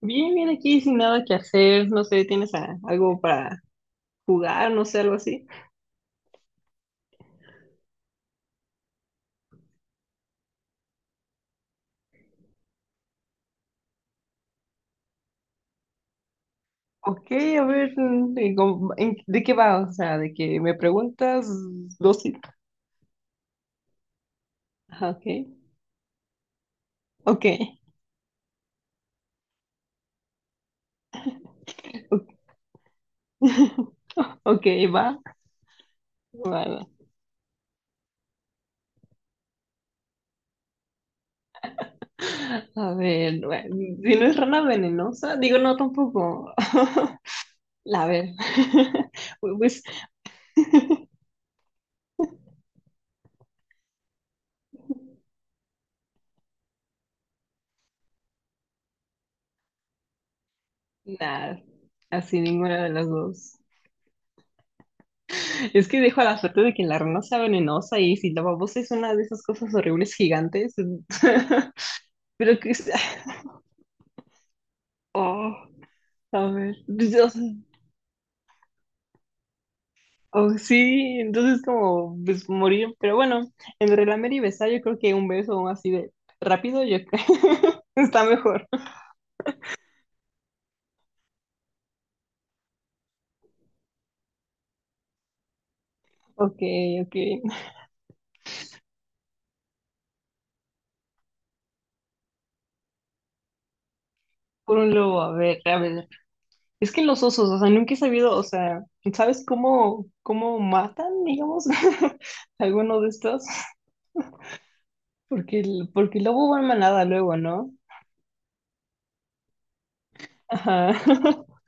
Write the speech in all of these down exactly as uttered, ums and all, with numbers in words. Bien, bien aquí sin nada que hacer, no sé, ¿tienes a- algo para jugar, no sé, algo así? Ok, a ver, mm, ¿en cómo- en- ¿de qué va? O sea, de que me preguntas dos... sí. Ajá, ok, ok, ok, va, bueno. A ver, bueno, si no es rana venenosa, digo no tampoco. A ver, pues nada, así ninguna de las dos. Es que dejo a la suerte de que la rana sea venenosa y si la babosa es una de esas cosas horribles gigantes. Pero que es- Oh, a ver, pues, o sea, oh, sí, entonces como pues morir. Pero bueno, entre lamer y besar, yo creo que un beso así de rápido, yo creo. Está mejor. Ok, ok. Por un lobo, a ver, a ver. Es que los osos, o sea, nunca he sabido, o sea, ¿sabes cómo, cómo matan, digamos, alguno de estos? Porque el, porque el lobo va en manada luego, ¿no? Ajá.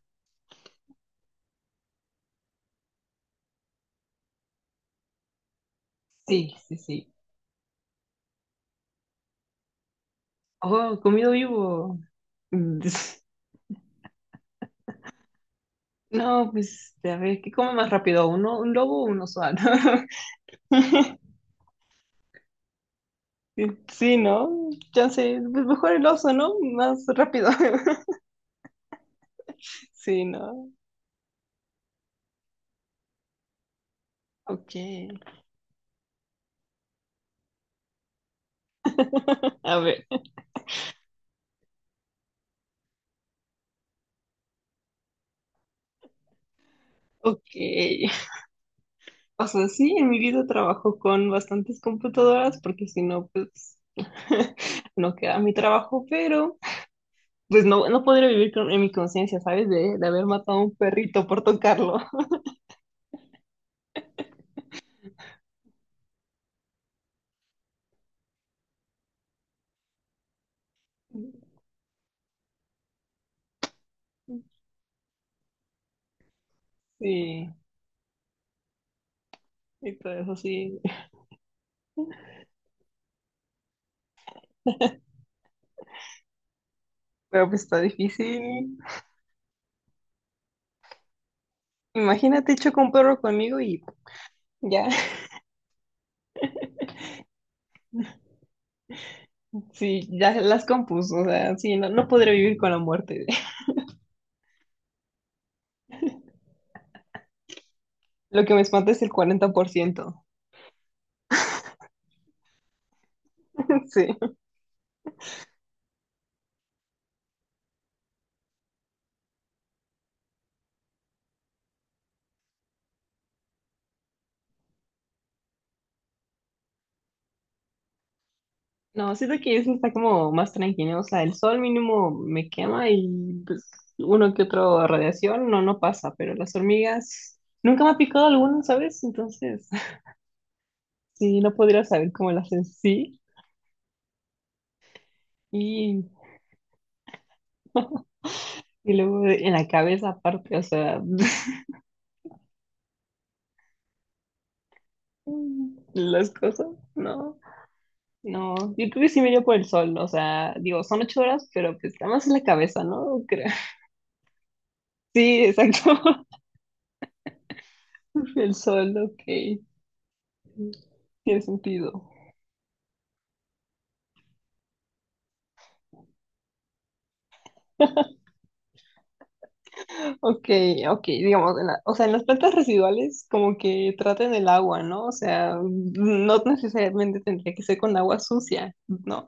Sí, sí, sí. Oh, comido vivo. Mm, no, pues, a ver, ¿qué come más rápido? ¿Uno, un lobo o un oso? Ah, no. Sí, sí, ¿no? Ya sé, pues mejor el oso, ¿no? Más rápido. Sí, ¿no? Ok. A ver, ok. O sea, sí, en mi vida trabajo con bastantes computadoras porque si no, pues, no queda mi trabajo, pero... pues no, no podría vivir con- en mi conciencia, ¿sabes? De, de haber matado a un perrito por tocarlo. Sí, y todo eso sí. Pero pues está difícil. Imagínate, choca un perro conmigo y ya. Sí, ya las compuso. O sea, sí, no, no podría vivir con la muerte. Lo que me espanta es el cuarenta por ciento. Sí. No, siento que eso está como más tranquilo. O sea, el sol mínimo me quema y pues uno que otro radiación no, no pasa, pero las hormigas nunca me ha picado alguna, ¿sabes? Entonces, sí, no podría saber cómo lo hacen, sí. Y, y luego de- en la cabeza aparte, o sea, las cosas, no, no. Yo creo que sí me iría por el sol, o sea, digo, son ocho horas, pero pues nada más en la cabeza, ¿no? Creo. Sí, exacto. El sol, ok, tiene sentido. Ok, ok, digamos, en la- o sea, en las plantas residuales como que traten el agua, ¿no? O sea, no necesariamente tendría que ser con agua sucia, ¿no?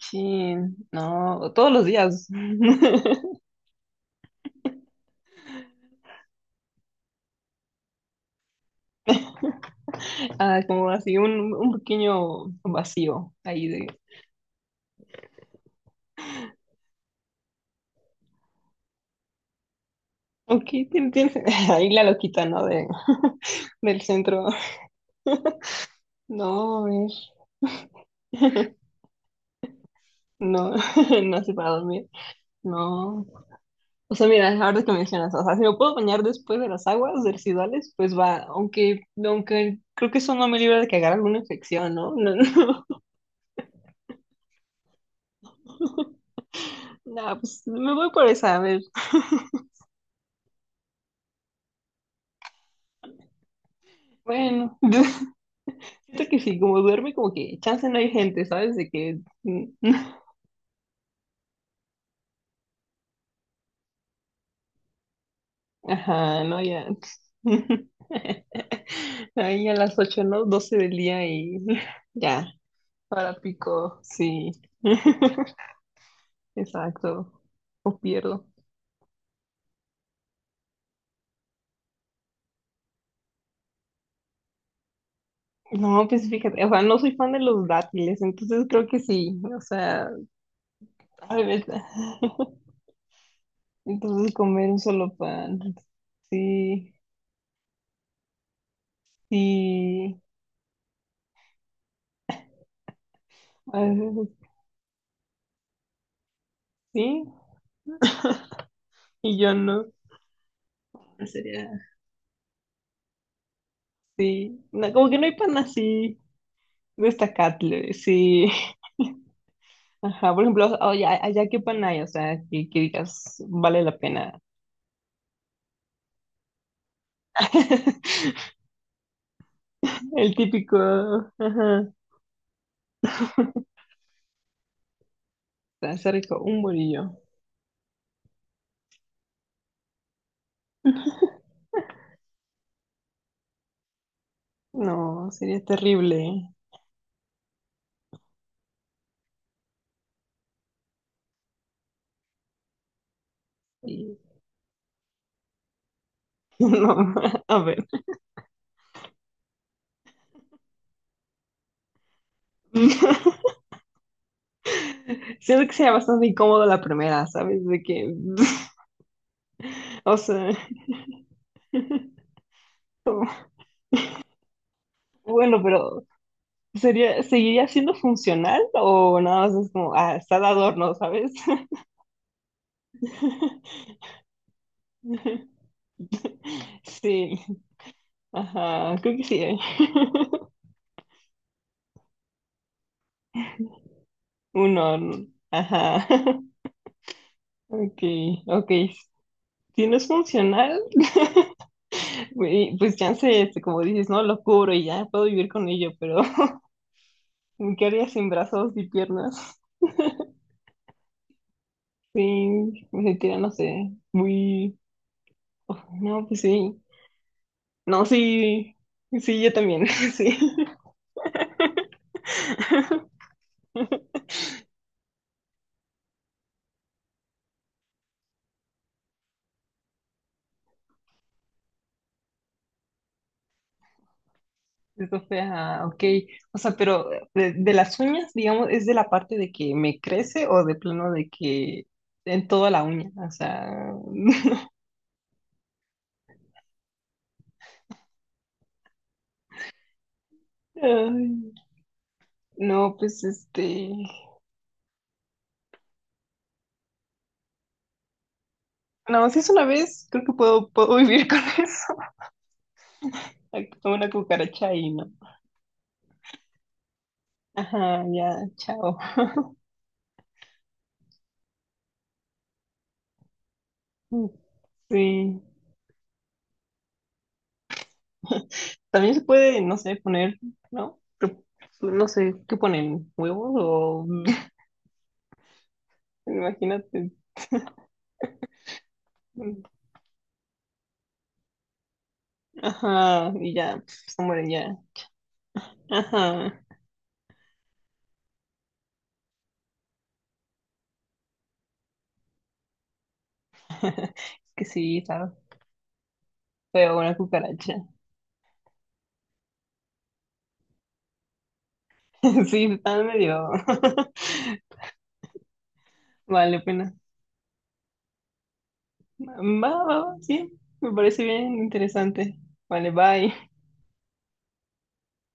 Sí, no, todos los días. Ah, como así un, un pequeño vacío ahí de, ok, tien- tien- ahí la loquita, ¿no? De, del centro. No, es, no, no sé para dormir. No. O sea, mira, ahora que mencionas, o sea, si me puedo bañar después de las aguas residuales, pues va, aunque, aunque creo que eso no me libra de que agarre alguna infección, ¿no? No, no, pues me voy por esa, a ver. Bueno. Siento que sí, como duerme, como que chance no hay gente, ¿sabes? De que. Ajá, no, ya. Ahí a las ocho, ¿no? Doce del día y ya, para pico, sí. Exacto, o pierdo. No, pues fíjate, o sea, no soy fan de los dátiles, entonces creo que sí, o sea, a ver, entonces comer un solo pan, sí, sí, a veces sí, y yo no. Sería... sí, no, como que no hay pan así destacable, sí. Ajá, por ejemplo, oye, allá qué pan hay, o sea, que, que digas, vale la pena. El típico, ajá, está rico, un bolillo. No, sería terrible. Y... no, a ver. Siento que sería bastante incómodo la primera, ¿sabes? De que, o sea, bueno, pero ¿sería, seguiría siendo funcional o nada más es como, ah, está de adorno, ¿sabes? Sí, ajá, creo que sí, ¿eh? Un horno, ajá. Ok, ok. Si no es funcional, güey, pues chance, este, como dices, no lo cubro y ya puedo vivir con ello, pero ¿qué haría sin brazos y piernas? Sí, me sentiría, no sé, muy... oh, no, pues sí. No, sí, sí, yo también, sí. Eso ah ok. O sea, pero de, de las uñas, digamos, ¿es de la parte de que me crece o de plano de que en toda la uña? O sea, ay, no, pues este, no, si es una vez, creo que puedo, puedo vivir con eso. Con una cucaracha ahí, ¿no? Ajá, ya, chao. Mm, sí. También se puede, no sé, poner, ¿no? Pero, no sé, ¿qué ponen? ¿Huevos o...? Imagínate. Ajá, y ya, pues, se mueren ya. Ajá. Es que sí, está feo una cucaracha. Sí, está medio. Vale, pena. Va, va, va, sí, me parece bien interesante. Vale, bye.